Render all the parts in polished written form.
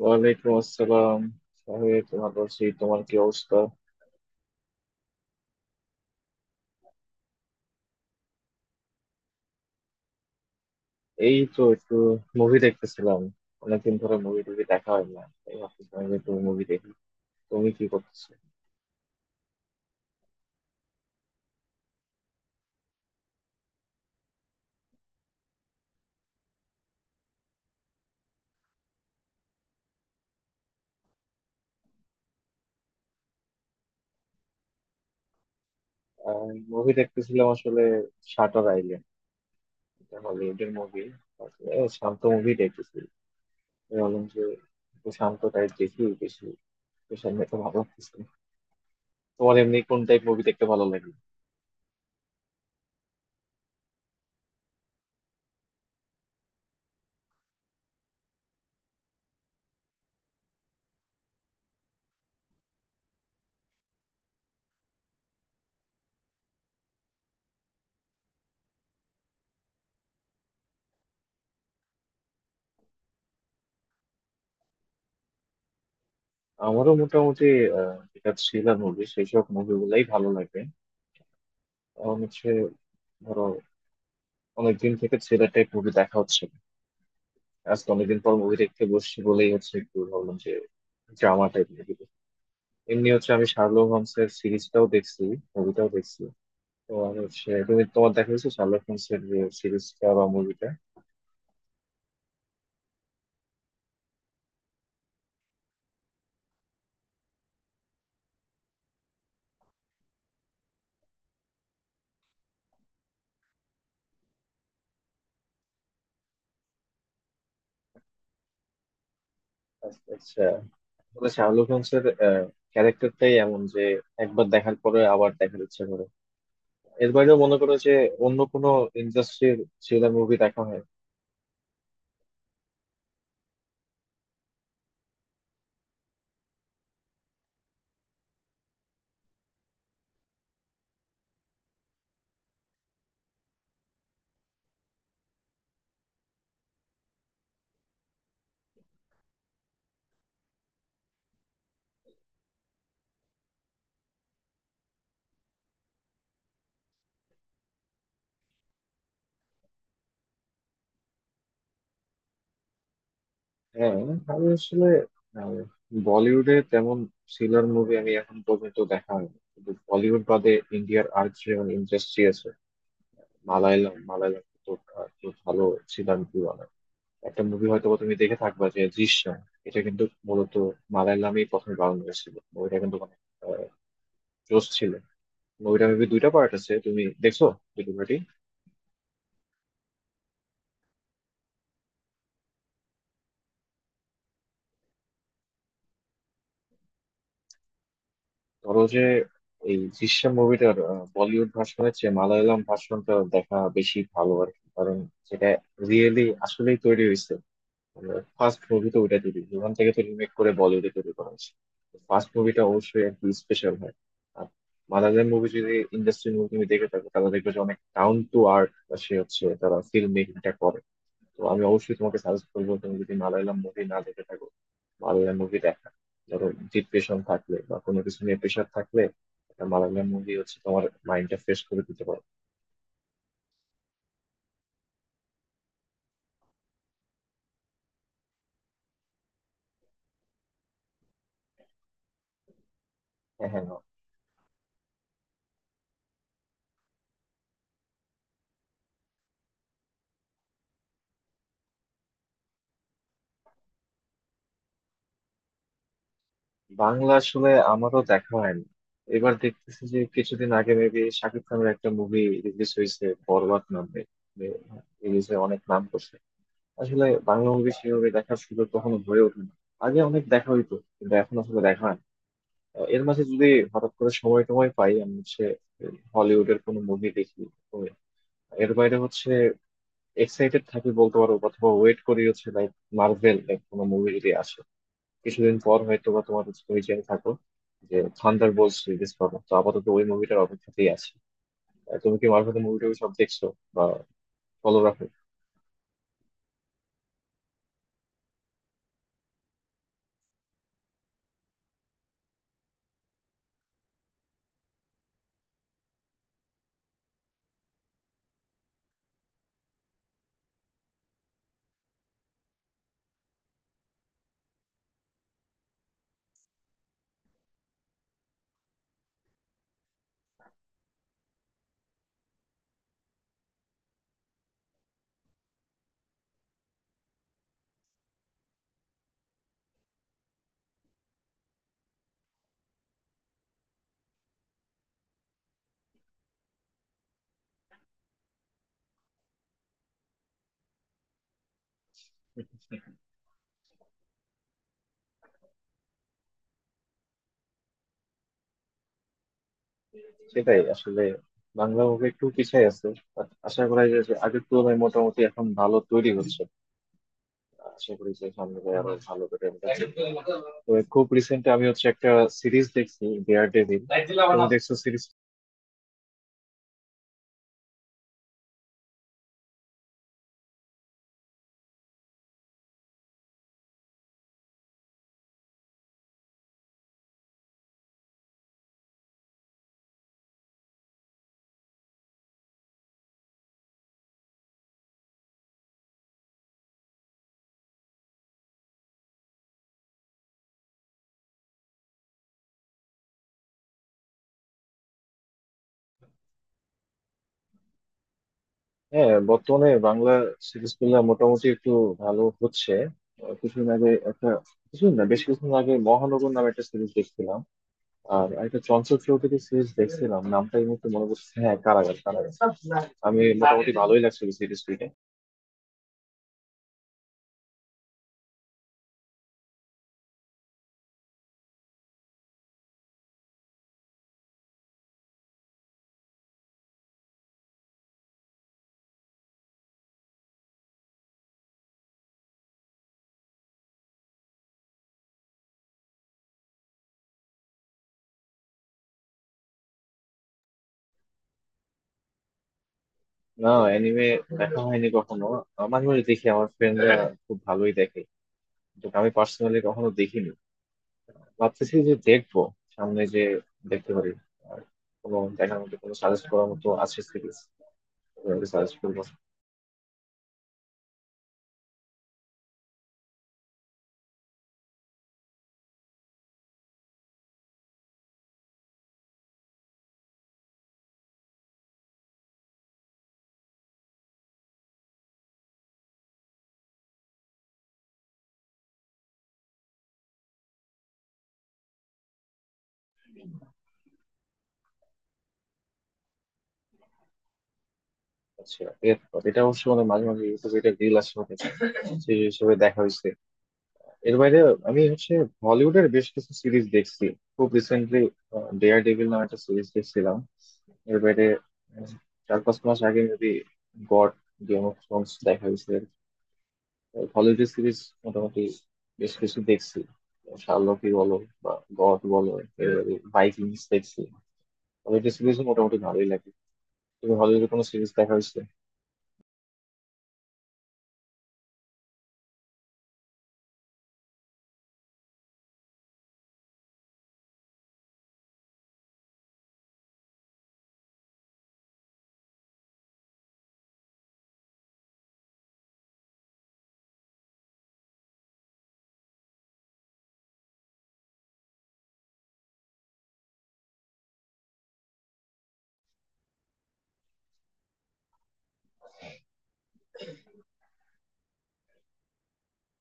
ওয়ালাইকুম আসসালাম। সাহেব তোমার বলছি, তোমার কি অবস্থা? এই তো একটু মুভি দেখতেছিলাম। অনেকদিন ধরে মুভি টুভি দেখা হয় না, তাই ভাবতেছিলাম যে একটু মুভি দেখি। তুমি কি করতেছো? মুভি দেখতেছিলাম আসলে, শাটার আইল্যান্ড। এটা হলিউডের মুভি। শান্ত মুভি দেখতেছি। আমি বললাম যে একটু শান্ত টাইপ দেখি বেশি। তো সামনে তো ভালো লাগতেছে না। তোমার এমনি কোন টাইপ মুভি দেখতে ভালো লাগে? আমারও মোটামুটি যেটা থ্রিলার মুভি, সেই সব মুভিগুলাই ভালো লাগে। আমার হচ্ছে, ধরো, অনেকদিন থেকে থ্রিলারটাই মুভি দেখা হচ্ছে না। আজকে অনেকদিন পর মুভি দেখতে বসছি বলেই হচ্ছে একটু ভাবলাম যে ড্রামা টাইপ মুভি। এমনি হচ্ছে আমি শার্লক হোমস এর সিরিজটাও দেখছি, মুভিটাও দেখছি। তো আমি হচ্ছে, তুমি তোমার দেখা হয়েছে শার্লক হোমস এর যে সিরিজটা বা মুভিটা? আচ্ছা। তাহলে শার্লক হোমস এর ক্যারেক্টারটাই এমন যে একবার দেখার পরে আবার দেখার ইচ্ছা করে। এর বাইরেও মনে করো যে অন্য কোনো ইন্ডাস্ট্রির থ্রিলার মুভি দেখা হয়? হ্যাঁ, আমি আসলে, আহ, বলিউডে তেমন থ্রিলার মুভি আমি এখন পর্যন্ত দেখা হয়নি। কিন্তু বলিউড বাদে ইন্ডিয়ার আর যেমন ইন্ডাস্ট্রি আছে, মালায়ালাম। মালায়ালাম তো খুব ভালো থ্রিলার মুভি বানায়। একটা মুভি হয়তো বা তুমি দেখে থাকবা, যে দৃশ্যম। এটা কিন্তু মূলত মালায়ালামেই প্রথমে বানানো হয়েছিল মুভিটা, কিন্তু অনেক জোশ ছিল মুভিটা। মেবি দুইটা পার্ট আছে, তুমি দেখছো? দুটো পার্টি। ধরো যে এই দৃশ্যম মুভিটার বলিউড ভার্সনের চেয়ে মালায়ালাম ভার্সনটা দেখা বেশি ভালো আর কি, কারণ সেটা রিয়েলি আসলেই তৈরি হয়েছে। ফার্স্ট মুভি তো ওইটা তৈরি, ওখান থেকে তো রিমেক করে বলিউডে তৈরি করা হয়েছে। ফার্স্ট মুভিটা অবশ্যই আর কি স্পেশাল হয়। আর মালায়ালাম মুভি, যদি ইন্ডাস্ট্রি মুভি তুমি দেখে থাকো, তাহলে দেখবে যে অনেক ডাউন টু আর্থ, সে হচ্ছে তারা ফিল্ম মেকিংটা করে। তো আমি অবশ্যই তোমাকে সাজেস্ট করবো, তুমি যদি মালায়ালাম মুভি না দেখে থাকো, মালায়ালাম মুভি দেখা, ধরো ডিপ্রেশন থাকলে বা কোনো কিছু নিয়ে প্রেশার থাকলে, একটা মালায়ালাম মুভি হচ্ছে তোমার মাইন্ডটা ফ্রেশ করে দিতে পারে। হ্যাঁ, হ্যাঁ, হ্যাঁ। বাংলা আসলে আমারও দেখা হয়নি। এবার দেখতেছি যে কিছুদিন আগে মেবি শাকিব খানের একটা মুভি রিলিজ হয়েছে বরবাদ নামে, রিলিজে অনেক নাম করছে। আসলে বাংলা মুভি সেভাবে দেখার সুযোগ কখনো হয়ে ওঠে না। আগে অনেক দেখা হইতো, কিন্তু এখন আসলে দেখা হয় না। এর মাঝে যদি হঠাৎ করে সময় টময় পাই, আমি হচ্ছে হলিউডের কোনো মুভি দেখি। তো এর বাইরে হচ্ছে, এক্সাইটেড থাকি বলতে পারো, অথবা ওয়েট করি হচ্ছে লাইক মার্ভেল এর কোনো মুভি যদি আসে। কিছুদিন পর হয়তো বা তোমার হচ্ছে পরিচয় থাকো, যে থান্ডার বোল্টস রিলিজ পাবো, তো আপাতত ওই মুভিটার অপেক্ষাতেই আছি। তুমি কি মার্ভেলের মুভিটাকে সব দেখছো বা ফলো রাখো? সেটাই আসলে বাংলা মুভি একটু পিছায় আছে। বাট আশা করা যায় যে আগের তুলনায় মোটামুটি এখন ভালো তৈরি হচ্ছে। আশা করি যে সামনে গিয়ে আরো ভালো করে আমরা দেখবো। তবে খুব রিসেন্ট আমি হচ্ছে একটা সিরিজ দেখছি, ডেয়ার ডেভিল। তুমি দেখছো সিরিজ? হ্যাঁ, বর্তমানে বাংলা সিরিজ গুলা মোটামুটি একটু ভালো হচ্ছে। কিছুদিন আগে একটা, কিছুদিন না, বেশ কিছুদিন আগে মহানগর নামে একটা সিরিজ দেখছিলাম। আর একটা চঞ্চল চৌধুরী সিরিজ দেখছিলাম, নামটা এই মুহূর্তে মনে পড়ছে, হ্যাঁ, কারাগার। কারাগার আমি মোটামুটি ভালোই লাগছিল সিরিজ দুইটা। না, অ্যানিমে দেখা হয়নি কখনো। মাঝে মাঝে দেখি আমার ফ্রেন্ডরা খুব ভালোই দেখে, যেটা আমি পার্সোনালি কখনো দেখিনি। ভাবতেছি যে দেখবো সামনে, যে দেখতে পারি। আর কোনো দেখার মতো, কোনো সাজেস্ট করার মতো আছে সিরিজ, সাজেস্ট করবো। আচ্ছা, এর- এটা অবশ্য মানে মাঝে মাঝে ইউটিউবে এটা রিল আসে অনেক। সেই হিসেবে দেখা হয়েছে। এর বাইরে আমি হচ্ছে হলিউডের বেশ কিছু সিরিজ দেখছি খুব রিসেন্টলি। ডেয়ার ডেভিল নামে একটা সিরিজ দেখছিলাম। এর বাইরে উম, চার পাঁচ মাস আগে maybe god, Game of Thrones দেখা হয়েছে। হলিউডের সিরিজ মোটামুটি বেশ কিছু দেখছি। শার্লকই বলো বা গড বলো, ভাইকিংস দেখছি। হলিউডের সিরিজ মোটামুটি ভালোই লাগে। তুমি হলিউডের কোনো সিরিজ দেখা হয়েছে?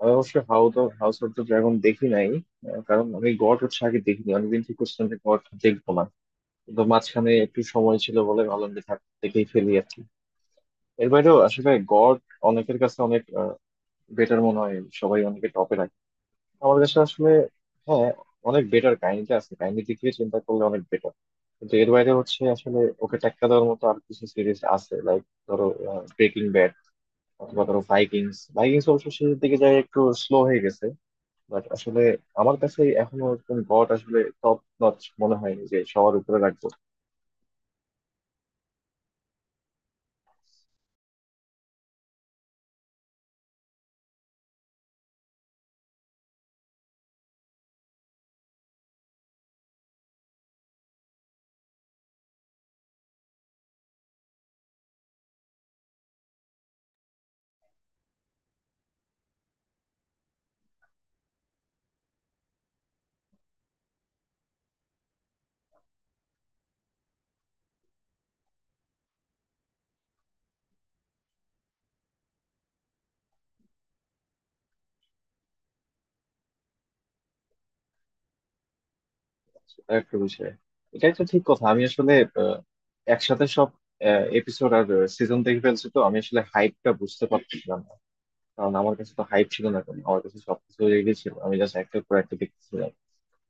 আমি অবশ্য হাউস অফ দ্য ড্রাগন দেখি নাই। কারণ আমি গড হচ্ছে আগে দেখিনি, অনেকদিন ঠিক করছিলাম যে গড দেখবো না। কিন্তু মাঝখানে একটু সময় ছিল বলে ভাবলাম যে থাক, দেখেই ফেলি আর কি। এর বাইরেও আসলে গড অনেকের কাছে অনেক বেটার মনে হয়, সবাই অনেকে টপে রাখে। আমার কাছে আসলে, হ্যাঁ, অনেক বেটার কাহিনীটা আছে, কাহিনীর দিক থেকে চিন্তা করলে অনেক বেটার। কিন্তু এর বাইরে হচ্ছে আসলে ওকে টেক্কা দেওয়ার মতো আর কিছু সিরিজ আছে, লাইক ধরো ব্রেকিং ব্যাড, অথবা ধরো ভাইকিংস। ভাইকিংস অবশ্য শেষের দিকে যায় একটু স্লো হয়ে গেছে। বাট আসলে আমার কাছে এখনো একদম গড আসলে টপ নচ মনে হয় যে সবার উপরে রাখবো। সেটা একটা বিষয়, এটা একটা ঠিক কথা। আমি আসলে আহ, একসাথে সব এপিসোড আর সিজন দেখে ফেলছি, তো আমি আসলে হাইপটা বুঝতে পারছিলাম। কারণ আমার কাছে তো হাইপ ছিল না কোনো, আমার কাছে সবকিছু রেডি ছিল, আমি জাস্ট একটার পর একটা দেখতেছিলাম।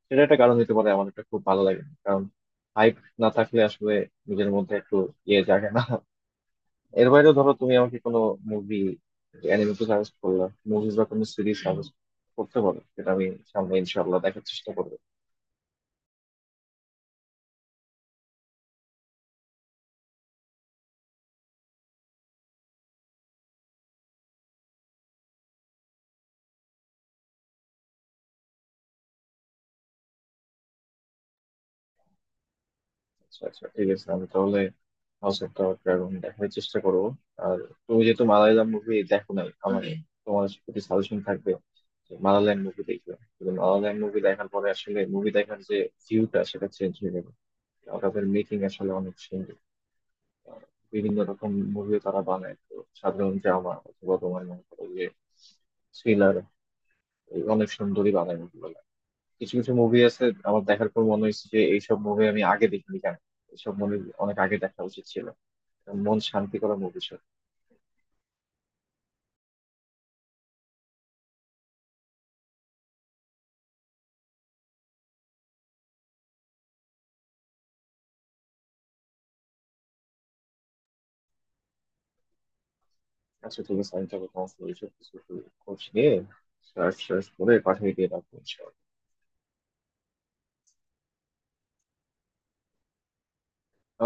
সেটা একটা কারণ হতে পারে আমার এটা খুব ভালো লাগে, কারণ হাইপ না থাকলে আসলে নিজের মধ্যে একটু ইয়ে জাগে না। এর বাইরেও ধরো তুমি আমাকে কোনো মুভি, অ্যানিমে তো সাজেস্ট করলা, মুভিজ বা কোনো সিরিজ সাজেস্ট করতে পারো, সেটা আমি সামনে ইনশাআল্লাহ দেখার চেষ্টা করবো। আচ্ছা, আচ্ছা, ঠিক আছে, আমি তাহলে হাউস অফ দ্য ড্রাগন দেখার চেষ্টা করবো। আর তুমি যেহেতু মালায়ালাম মুভি দেখো নাই, আমার, হুম, তোমার প্রতি সাজেশন থাকবে যে মালায়ালাম মুভি দেখবে। কিন্তু মালায়ালাম মুভি দেখার পরে আসলে মুভি দেখার যে ভিউটা, সেটা চেঞ্জ হয়ে যাবে। ওদের মেকিং আসলে অনেক সুন্দর। আহ, বিভিন্ন রকম মুভিও তারা বানায়, তো সাধারণ ড্রামা অথবা তোমার মনে করো যে থ্রিলার, অনেক সুন্দরই বানায় মুভিগুলো। কিছু কিছু মুভি আছে, আমার দেখার পর মনে হয়েছে যে এইসব মুভি আমি আগে দেখিনি কেন, এইসব মুভি অনেক আগে দেখা উচিত ছিল। মন শান্তি করা মুভি ছিল। আচ্ছা, ঠিক আছে, আমি তাহলে তোমাকে এইসব কিছু খোঁজ নিয়ে, সার্চ সার্চ করে পাঠিয়ে দিয়ে রাখবো ইনশাআল্লাহ।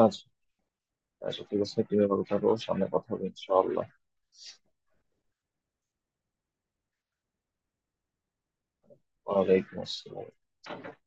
আচ্ছা, আচ্ছা, ঠিক আছে, তুমি ভালো থাকো, সামনে কথা হবে ইনশাআল্লাহ। ওয়ালাইকুম আসসালাম।